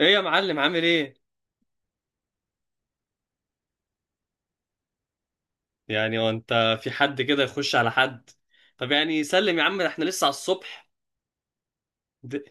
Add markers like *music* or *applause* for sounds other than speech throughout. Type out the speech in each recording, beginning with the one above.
ايه يا معلم؟ عامل ايه؟ يعني هو انت في حد كده يخش على حد؟ طب يعني سلم يا عم، احنا لسه على الصبح. د-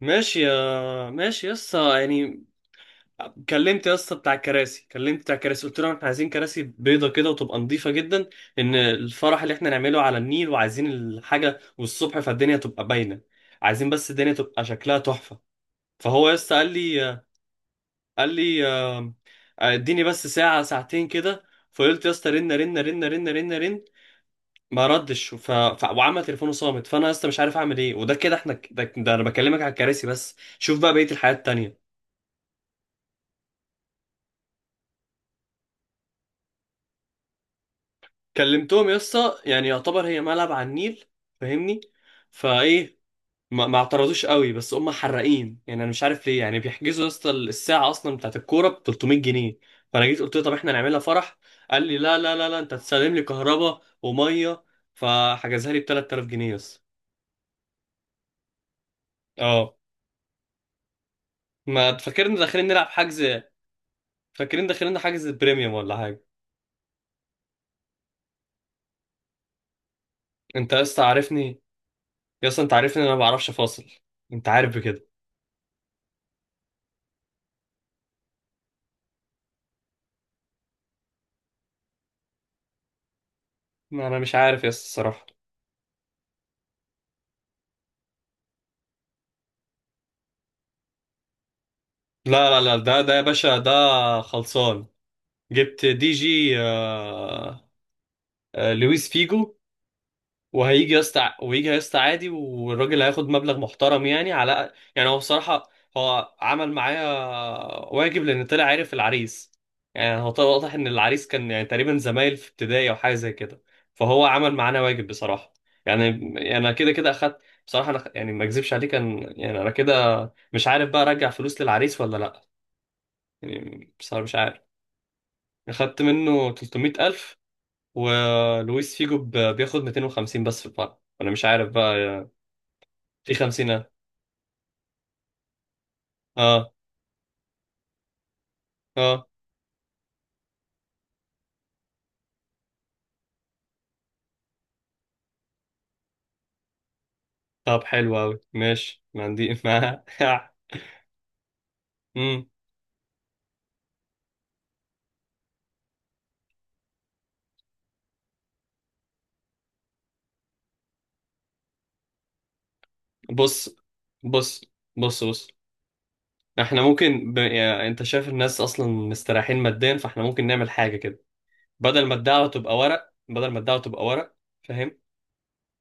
ماشي، يا ماشي يا اسطى يعني. كلمت يا اسطى بتاع الكراسي، كلمت بتاع الكراسي، قلت لهم احنا عايزين كراسي بيضه كده وتبقى نظيفه جدا. ان الفرح اللي احنا نعمله على النيل وعايزين الحاجه والصبح، فالدنيا تبقى باينه. عايزين بس الدنيا تبقى شكلها تحفه. فهو يا اسطى قال لي، قال لي: اديني بس ساعه ساعتين كده. فقلت يا اسطى رن رن رن رن رن رن. ما ردش. وعمل تليفونه صامت، فانا لسه مش عارف اعمل ايه. وده كده احنا ده انا بكلمك على الكراسي بس. شوف بقى بقيه الحياه التانيه. كلمتهم يا اسطى، يعني يعتبر هي ملعب على النيل. فاهمني؟ فايه؟ ما اعترضوش قوي، بس هم حرقين يعني، انا مش عارف ليه يعني، بيحجزوا يا اسطى الساعه اصلا بتاعت الكوره ب 300 جنيه. فانا جيت قلت له طب احنا نعملها فرح. قال لي لا لا لا لا انت هتسلم لي كهرباء وميه. فحجزها لي ب 3000 جنيه يا اسطى. اه. ما تفكرني داخلين نلعب حجز. فاكرين داخلين حاجز بريميوم ولا حاجه. انت يا اسطى عارفني. يا اسطى انت عارفني إن انا ما بعرفش فاصل. انت عارف بكده. ما انا مش عارف يا اسطى الصراحه. لا لا لا، ده يا باشا، ده خلصان. جبت دي جي، آه. آه، لويس فيجو. وهيجي يا اسطى، ويجي يا اسطى عادي، والراجل هياخد مبلغ محترم يعني، على يعني هو بصراحة، هو عمل معايا واجب، لأن طلع عارف العريس. يعني هو طلع واضح إن العريس كان يعني تقريبا زمايل في ابتدائي أو حاجة زي كده. فهو عمل معانا واجب بصراحة يعني. يعني أنا كده كده أخدت. بصراحة أنا يعني ما أكذبش عليك، كان يعني أنا كده مش عارف بقى أرجع فلوس للعريس ولا لأ. يعني بصراحة مش عارف. أخدت منه 300,000، ولويس فيجو بياخد 250 بس في الفرع، أنا مش عارف بقى. في خمسينات. اه. اه. طب حلو أوي ماشي، ما عندي *laughs* ما. مم. بص، بص، بص، بص. احنا ممكن يعني انت شايف الناس اصلا مستريحين ماديا، فاحنا ممكن نعمل حاجة كده. بدل ما الدعوة تبقى ورق، بدل ما الدعوة تبقى ورق، فاهم؟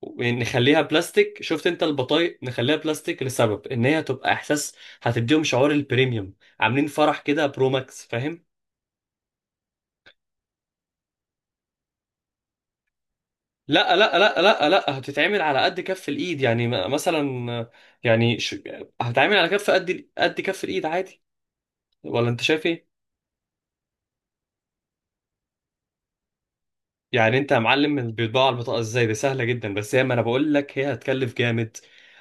ونخليها بلاستيك. شفت انت البطايق؟ نخليها بلاستيك، لسبب ان هي تبقى احساس. هتديهم شعور البريميوم. عاملين فرح كده برو ماكس، فاهم؟ لا لا لا لا لا، هتتعمل على قد كف الايد. يعني مثلا يعني هتتعمل على كف قد قد كف الايد عادي. ولا انت شايف ايه؟ يعني انت يا معلم، بيطبعوا على البطاقه ازاي؟ دي سهله جدا، بس هي، ما انا بقول لك، هي هتكلف جامد.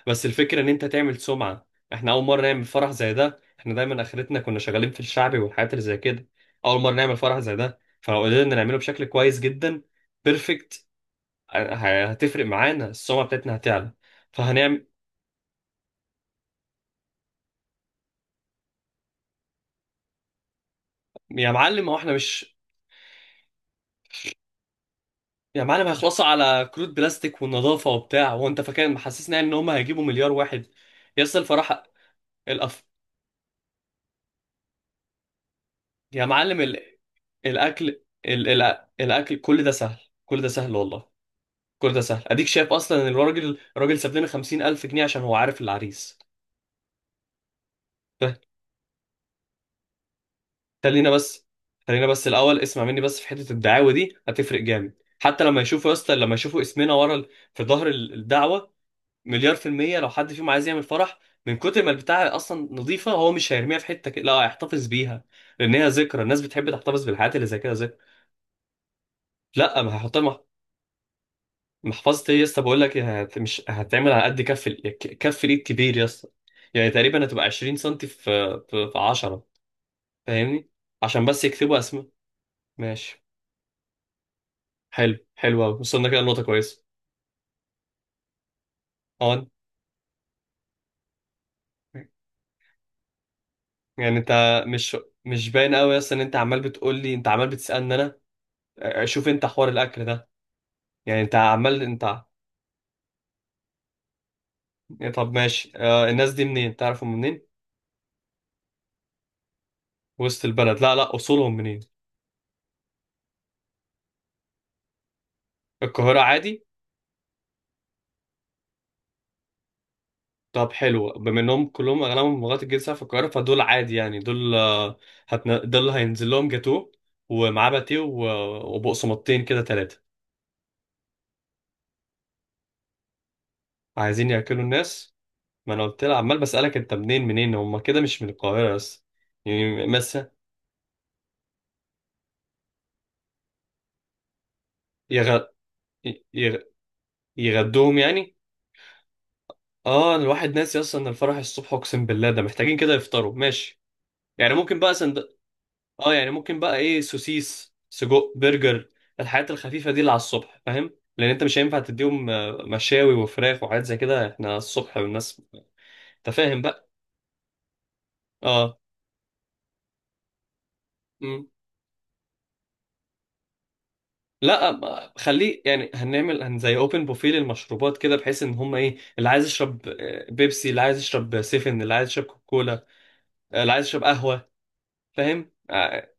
بس الفكره ان انت تعمل سمعه. احنا اول مره نعمل فرح زي ده، احنا دايما اخرتنا كنا شغالين في الشعبي والحاجات اللي زي كده. اول مره نعمل فرح زي ده، فلو قدرنا نعمله بشكل كويس جدا بيرفكت، هتفرق معانا، السمعه بتاعتنا هتعلى. فهنعمل. يا معلم هو احنا مش. يا معلم هيخلصوا على كروت بلاستيك والنظافة وبتاع. هو انت فاكر محسسنا يعني ان هم هيجيبوا مليار واحد؟ يا اسطى الفراح. الأف. يا معلم الاكل. الاكل كل ده سهل. كل ده سهل والله. كل ده سهل. اديك شايف اصلا ان الراجل، الراجل ساب لنا 50 الف جنيه عشان هو عارف العريس. ف- خلينا بس، خلينا بس الاول اسمع مني بس في حتة الدعاوى دي، هتفرق جامد. حتى لما يشوفوا يا اسطى، لما يشوفوا اسمنا ورا في ظهر الدعوة، مليار في المية لو حد فيهم عايز يعمل فرح. من كتر ما البتاعة أصلا نظيفة، هو مش هيرميها في حتة كده، لا هيحتفظ بيها. لأن هي ذكرى، الناس بتحب تحتفظ بالحاجات اللي زي كده ذكرى. لا ما هحطها محفظة إيه يا اسطى؟ بقول لك مش هتعمل على قد كف كف الإيد كبير يا اسطى. يعني تقريبا هتبقى 20 سم في في 10. فاهمني؟ عشان بس يكتبوا أسماء. ماشي. حلو، حلو أوي، وصلنا كده لنقطة كويسة. أه يعني أنت مش. مش باين أوي يا اسطى إن أنت عمال بتقول لي، أنت عمال بتسألني أنا؟ اه، شوف انت حوار الاكل ده. يعني انت عمال، انت يعني. طب ماشي، آه، الناس دي منين تعرفهم منين؟ وسط البلد؟ لا لا، اصولهم منين؟ القاهرة عادي. طب حلو، بما انهم كلهم، اغلبهم لغايه الجيل ساعه في القاهره، فدول عادي يعني. دول دول هينزل لهم جاتوه ومعاه باتيه وبقسماطتين كده ثلاثه. عايزين ياكلوا الناس. ما انا قلت لها، عمال بسالك انت منين، منين هم كده، مش من القاهره بس. يعني مثلا يغ... يغ... يغدوهم يعني. اه، الواحد ناسي اصلا ان الفرح الصبح، اقسم بالله ده محتاجين كده يفطروا ماشي. يعني ممكن بقى اه يعني ممكن بقى ايه، سوسيس سجق برجر. الحاجات الخفيفه دي اللي على الصبح، فاهم؟ لان انت مش هينفع تديهم مشاوي وفراخ وحاجات زي كده، احنا الصبح والناس. انت فاهم بقى. اه. مم. لا خليه يعني هنعمل، زي اوبن بوفيه للمشروبات كده، بحيث ان هم ايه، اللي عايز يشرب بيبسي، اللي عايز يشرب سيفن، اللي عايز يشرب كوكولا، اللي عايز يشرب قهوه. فاهم؟ آه.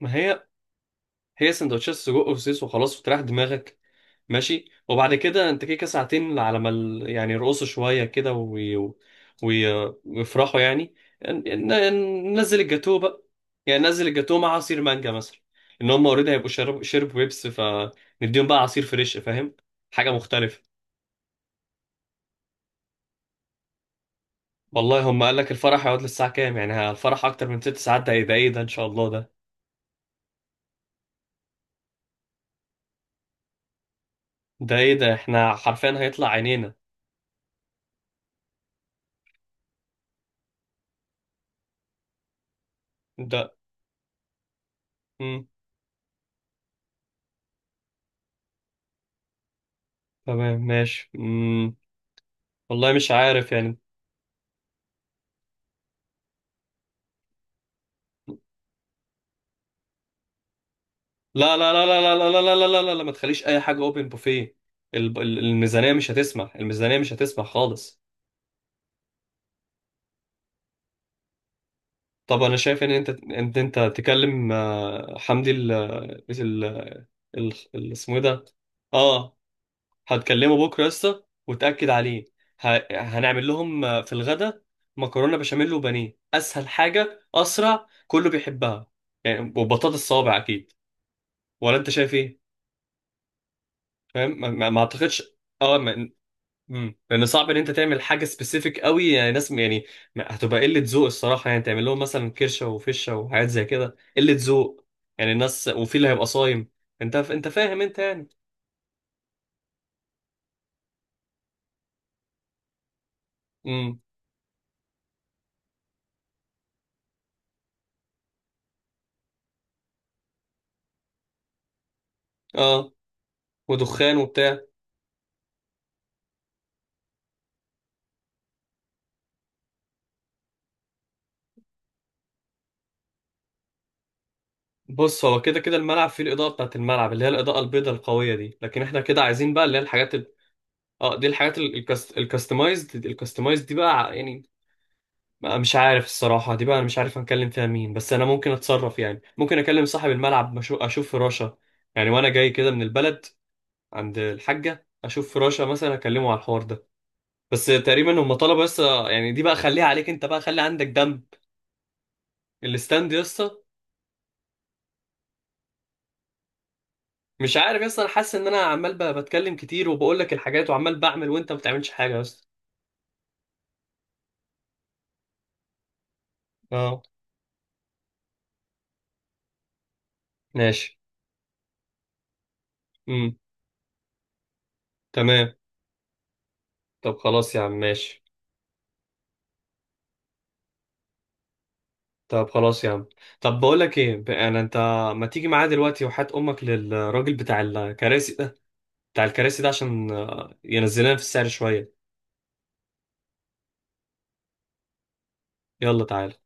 ما هي، هي سندوتشات سجق وسوسيس وخلاص، وتريح دماغك. ماشي، وبعد كده انت كده ساعتين على ما يعني يرقصوا شويه كده وي... ويفرحوا يعني. ننزل الجاتوه بقى. يعني ننزل الجاتوه مع عصير مانجا مثلا. ان هم اوريدي هيبقوا شرب شرب ويبس، فنديهم بقى عصير فريش. فاهم؟ حاجه مختلفه. والله هم قال لك الفرح هيقعد للساعه كام يعني؟ الفرح اكتر من ست ساعات؟ ده ايه ده؟ ايه ده ان شاء الله ده؟ ده ايه ده؟ احنا حرفيا هيطلع عينينا. ده. مم. تمام ماشي. مم. والله مش عارف يعني. لا لا لا لا لا لا لا لا لا لا لا، ما تخليش اي حاجه اوبن بوفيه. الميزانيه مش هتسمح، الميزانيه مش هتسمح خالص. طب انا شايف ان انت، ان انت تكلم حمدي اسمه إيه ده. اه. هتكلمه بكره يا اسطى وتاكد عليه. هنعمل لهم في الغدا مكرونه بشاميل وبانيه، اسهل حاجه، اسرع، كله بيحبها يعني، وبطاطس صوابع اكيد. ولا انت شايف ايه؟ فاهم. ما اعتقدش. اه. لان صعب ان انت تعمل حاجه سبيسيفيك قوي يعني ناس يعني. هتبقى قله ذوق الصراحه، يعني تعمل لهم مثلا كرشه وفشه وحاجات زي كده، قله ذوق يعني. الناس، وفي اللي هيبقى صايم. انت فاهم انت يعني. امم. اه. ودخان وبتاع. بص، هو كده كده الملعب فيه الاضاءه بتاعت الملعب، اللي هي الاضاءه البيضاء القويه دي، لكن احنا كده عايزين بقى اللي هي الحاجات اه دي الحاجات الكاستمايزد، الكاستمايزد دي بقى يعني مش عارف الصراحة. دي بقى أنا مش عارف هنكلم فيها مين، بس أنا ممكن أتصرف يعني. ممكن أكلم صاحب الملعب، أشوف فراشة يعني، وأنا جاي كده من البلد، عند الحاجة، أشوف فراشة مثلا، أكلمه على الحوار ده. بس تقريبا هم طلبوا بس يعني. دي بقى خليها عليك أنت بقى، خلي عندك دم. الاستاند يا اسطى. مش عارف يا اسطى، أنا حاسس إن أنا عمال بتكلم كتير وبقول لك الحاجات وعمال بعمل، وأنت ما بتعملش حاجة يا اسطى. أه. ماشي. امم. تمام. طب خلاص يا عم ماشي. طب خلاص يا عم. طب بقول لك ايه، يعني انت ما تيجي معايا دلوقتي، وحات امك للراجل بتاع الكراسي ده، بتاع الكراسي ده، عشان ينزلنا في السعر شويه. يلا تعالى.